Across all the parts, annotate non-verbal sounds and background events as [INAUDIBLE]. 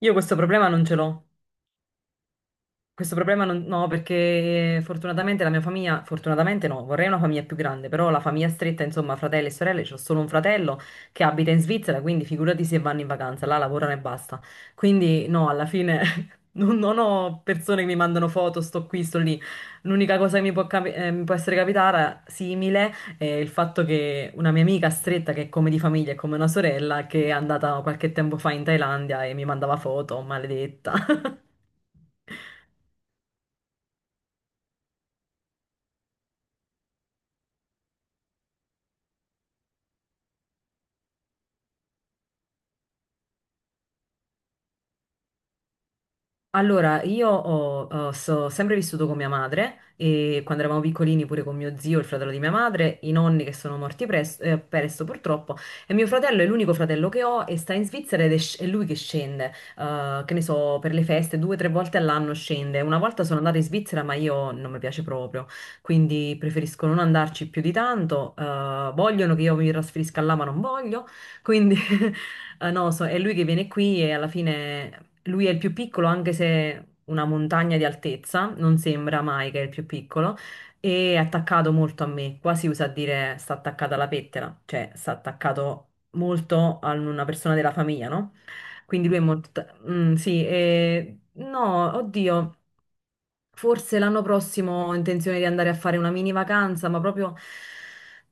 Io questo problema non ce l'ho. Questo problema non, no, perché fortunatamente la mia famiglia, fortunatamente no, vorrei una famiglia più grande, però la famiglia stretta, insomma, fratelli e sorelle, c'ho solo un fratello che abita in Svizzera, quindi figurati se vanno in vacanza, là lavorano e basta. Quindi no, alla fine non ho persone che mi mandano foto, sto qui, sto lì. L'unica cosa che mi può, mi può essere capitata simile è il fatto che una mia amica stretta, che è come di famiglia, è come una sorella, che è andata qualche tempo fa in Thailandia e mi mandava foto, maledetta. [LAUGHS] Allora, io sempre vissuto con mia madre e quando eravamo piccolini pure con mio zio, il fratello di mia madre, i nonni che sono morti presto purtroppo e mio fratello è l'unico fratello che ho e sta in Svizzera ed è, è lui che scende, che ne so, per le feste due o tre volte all'anno scende. Una volta sono andata in Svizzera ma io non mi piace proprio, quindi preferisco non andarci più di tanto, vogliono che io mi trasferisca là ma non voglio, quindi... [LAUGHS] Ah, no, è lui che viene qui e alla fine lui è il più piccolo, anche se una montagna di altezza, non sembra mai che è il più piccolo, e è attaccato molto a me. Qua si usa a dire sta attaccato alla pettela, cioè sta attaccato molto a una persona della famiglia, no? Quindi lui è molto... sì, e... no, oddio, forse l'anno prossimo ho intenzione di andare a fare una mini vacanza, ma proprio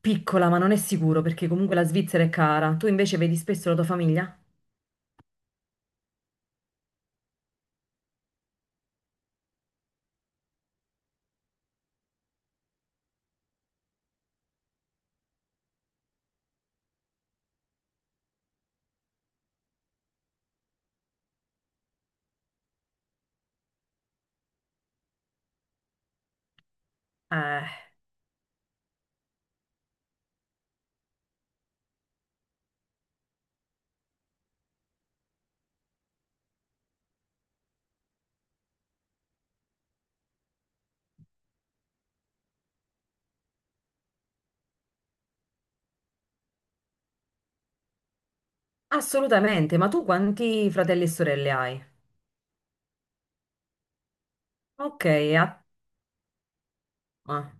piccola, ma non è sicuro, perché comunque la Svizzera è cara. Tu invece vedi spesso la tua famiglia? Eh. Assolutamente, ma tu quanti fratelli e sorelle hai? Ok, a... ah,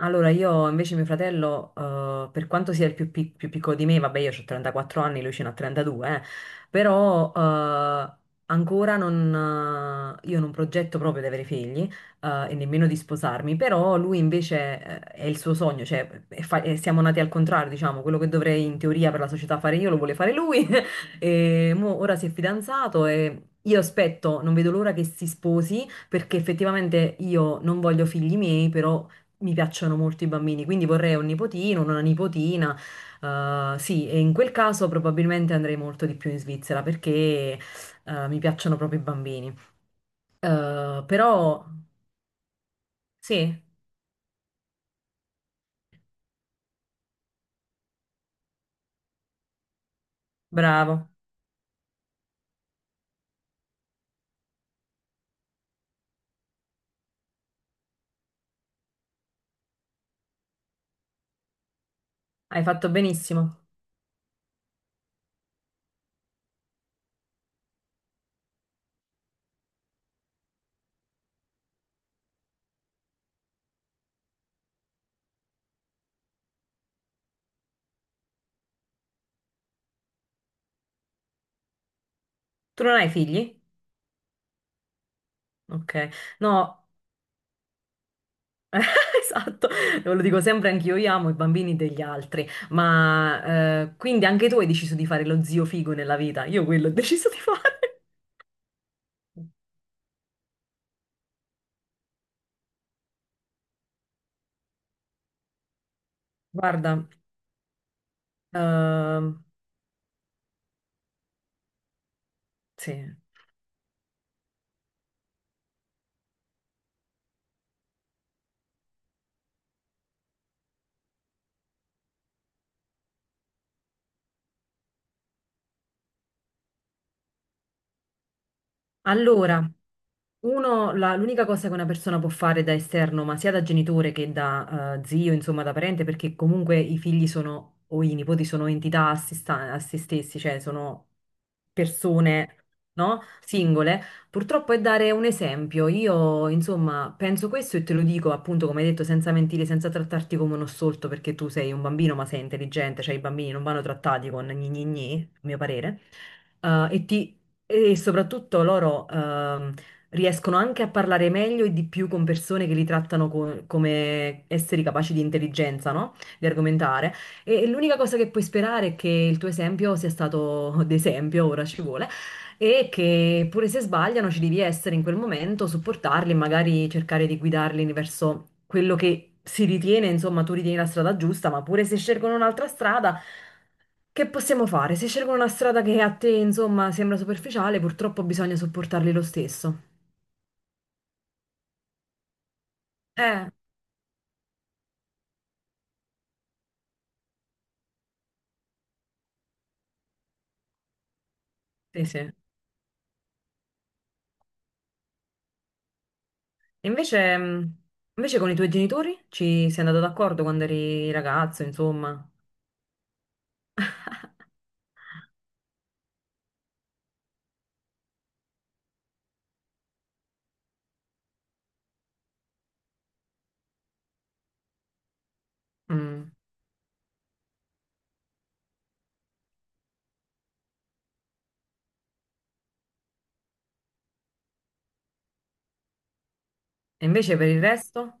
allora, io invece mio fratello, per quanto sia più piccolo di me, vabbè, io ho 34 anni, lui ce n'ha 32, però ancora non, io non progetto proprio di avere figli e nemmeno di sposarmi, però lui invece è il suo sogno, cioè e siamo nati al contrario, diciamo, quello che dovrei in teoria per la società fare io lo vuole fare lui [LAUGHS] e mo ora si è fidanzato e... Io aspetto, non vedo l'ora che si sposi perché effettivamente io non voglio figli miei, però mi piacciono molto i bambini, quindi vorrei un nipotino, una nipotina. Sì, e in quel caso probabilmente andrei molto di più in Svizzera perché mi piacciono proprio i bambini. Però sì, bravo, hai fatto benissimo. Tu non hai figli? Ok, no. [LAUGHS] Esatto, lo dico sempre anch'io, io amo i bambini degli altri, ma quindi anche tu hai deciso di fare lo zio figo nella vita, io quello ho deciso di fare. [LAUGHS] Guarda, ehm, sì. Allora, uno, l'unica cosa che una persona può fare da esterno, ma sia da genitore che da zio, insomma da parente, perché comunque i figli sono, o i nipoti sono entità a se stessi, cioè sono persone, no? Singole, purtroppo è dare un esempio. Io, insomma, penso questo e te lo dico appunto, come hai detto, senza mentire, senza trattarti come uno stolto, perché tu sei un bambino, ma sei intelligente, cioè i bambini non vanno trattati con gni gni gni, a mio parere. Eh, e ti e soprattutto loro riescono anche a parlare meglio e di più con persone che li trattano come esseri capaci di intelligenza, no? Di argomentare. E l'unica cosa che puoi sperare è che il tuo esempio sia stato [LAUGHS] d'esempio, ora ci vuole, e che pure se sbagliano ci devi essere in quel momento, supportarli, e magari cercare di guidarli verso quello che si ritiene, insomma, tu ritieni la strada giusta, ma pure se scelgono un'altra strada, che possiamo fare? Se scelgono una strada che a te, insomma, sembra superficiale, purtroppo bisogna supportarli lo stesso. Eh, sì, sì. E invece, invece con i tuoi genitori ci sei andato d'accordo quando eri ragazzo, insomma. Mm. E invece per il resto?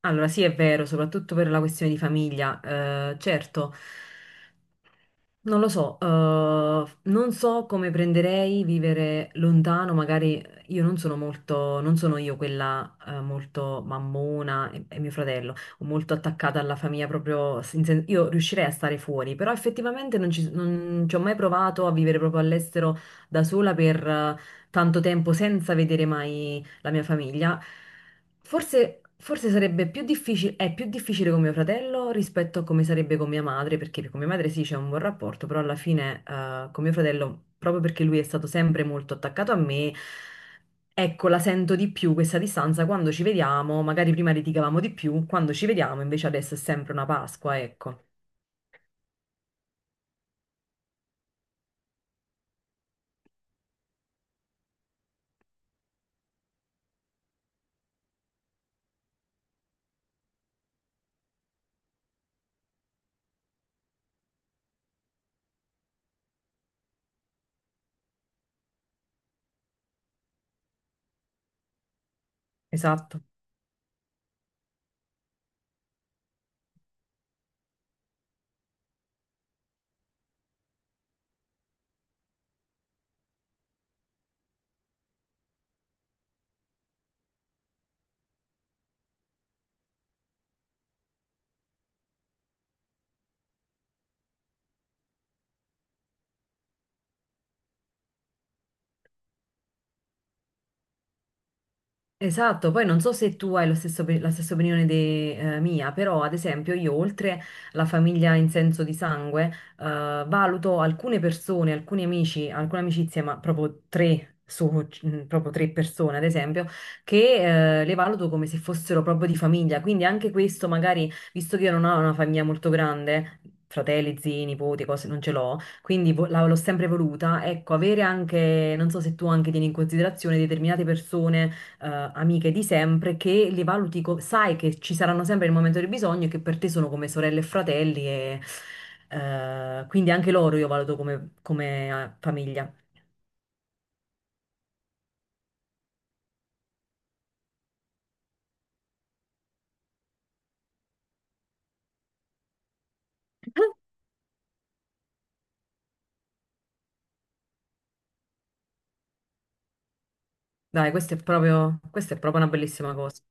Allora, sì, è vero, soprattutto per la questione di famiglia. Certo, non lo so, non so come prenderei vivere lontano, magari io non sono molto, non sono io quella, molto mammona e mio fratello, o molto attaccata alla famiglia proprio, io riuscirei a stare fuori, però effettivamente non ci ho mai provato a vivere proprio all'estero da sola per tanto tempo senza vedere mai la mia famiglia. Forse sarebbe più difficile, è più difficile con mio fratello rispetto a come sarebbe con mia madre, perché con mia madre sì c'è un buon rapporto, però alla fine con mio fratello, proprio perché lui è stato sempre molto attaccato a me, ecco, la sento di più questa distanza quando ci vediamo, magari prima litigavamo di più, quando ci vediamo invece adesso è sempre una Pasqua, ecco. Esatto. Esatto, poi non so se tu hai lo la stessa opinione mia, però ad esempio io oltre la famiglia in senso di sangue, valuto alcune persone, alcuni amici, alcune amicizie, ma proprio tre, su, proprio tre persone ad esempio, che le valuto come se fossero proprio di famiglia, quindi anche questo magari, visto che io non ho una famiglia molto grande, fratelli, zii, nipoti, cose non ce l'ho, quindi l'ho sempre voluta, ecco, avere anche, non so se tu anche tieni in considerazione determinate persone eh, amiche di sempre che li valuti, sai che ci saranno sempre il momento del bisogno e che per te sono come sorelle e fratelli e quindi anche loro io valuto come famiglia. [LAUGHS] Dai, questa è proprio una bellissima cosa.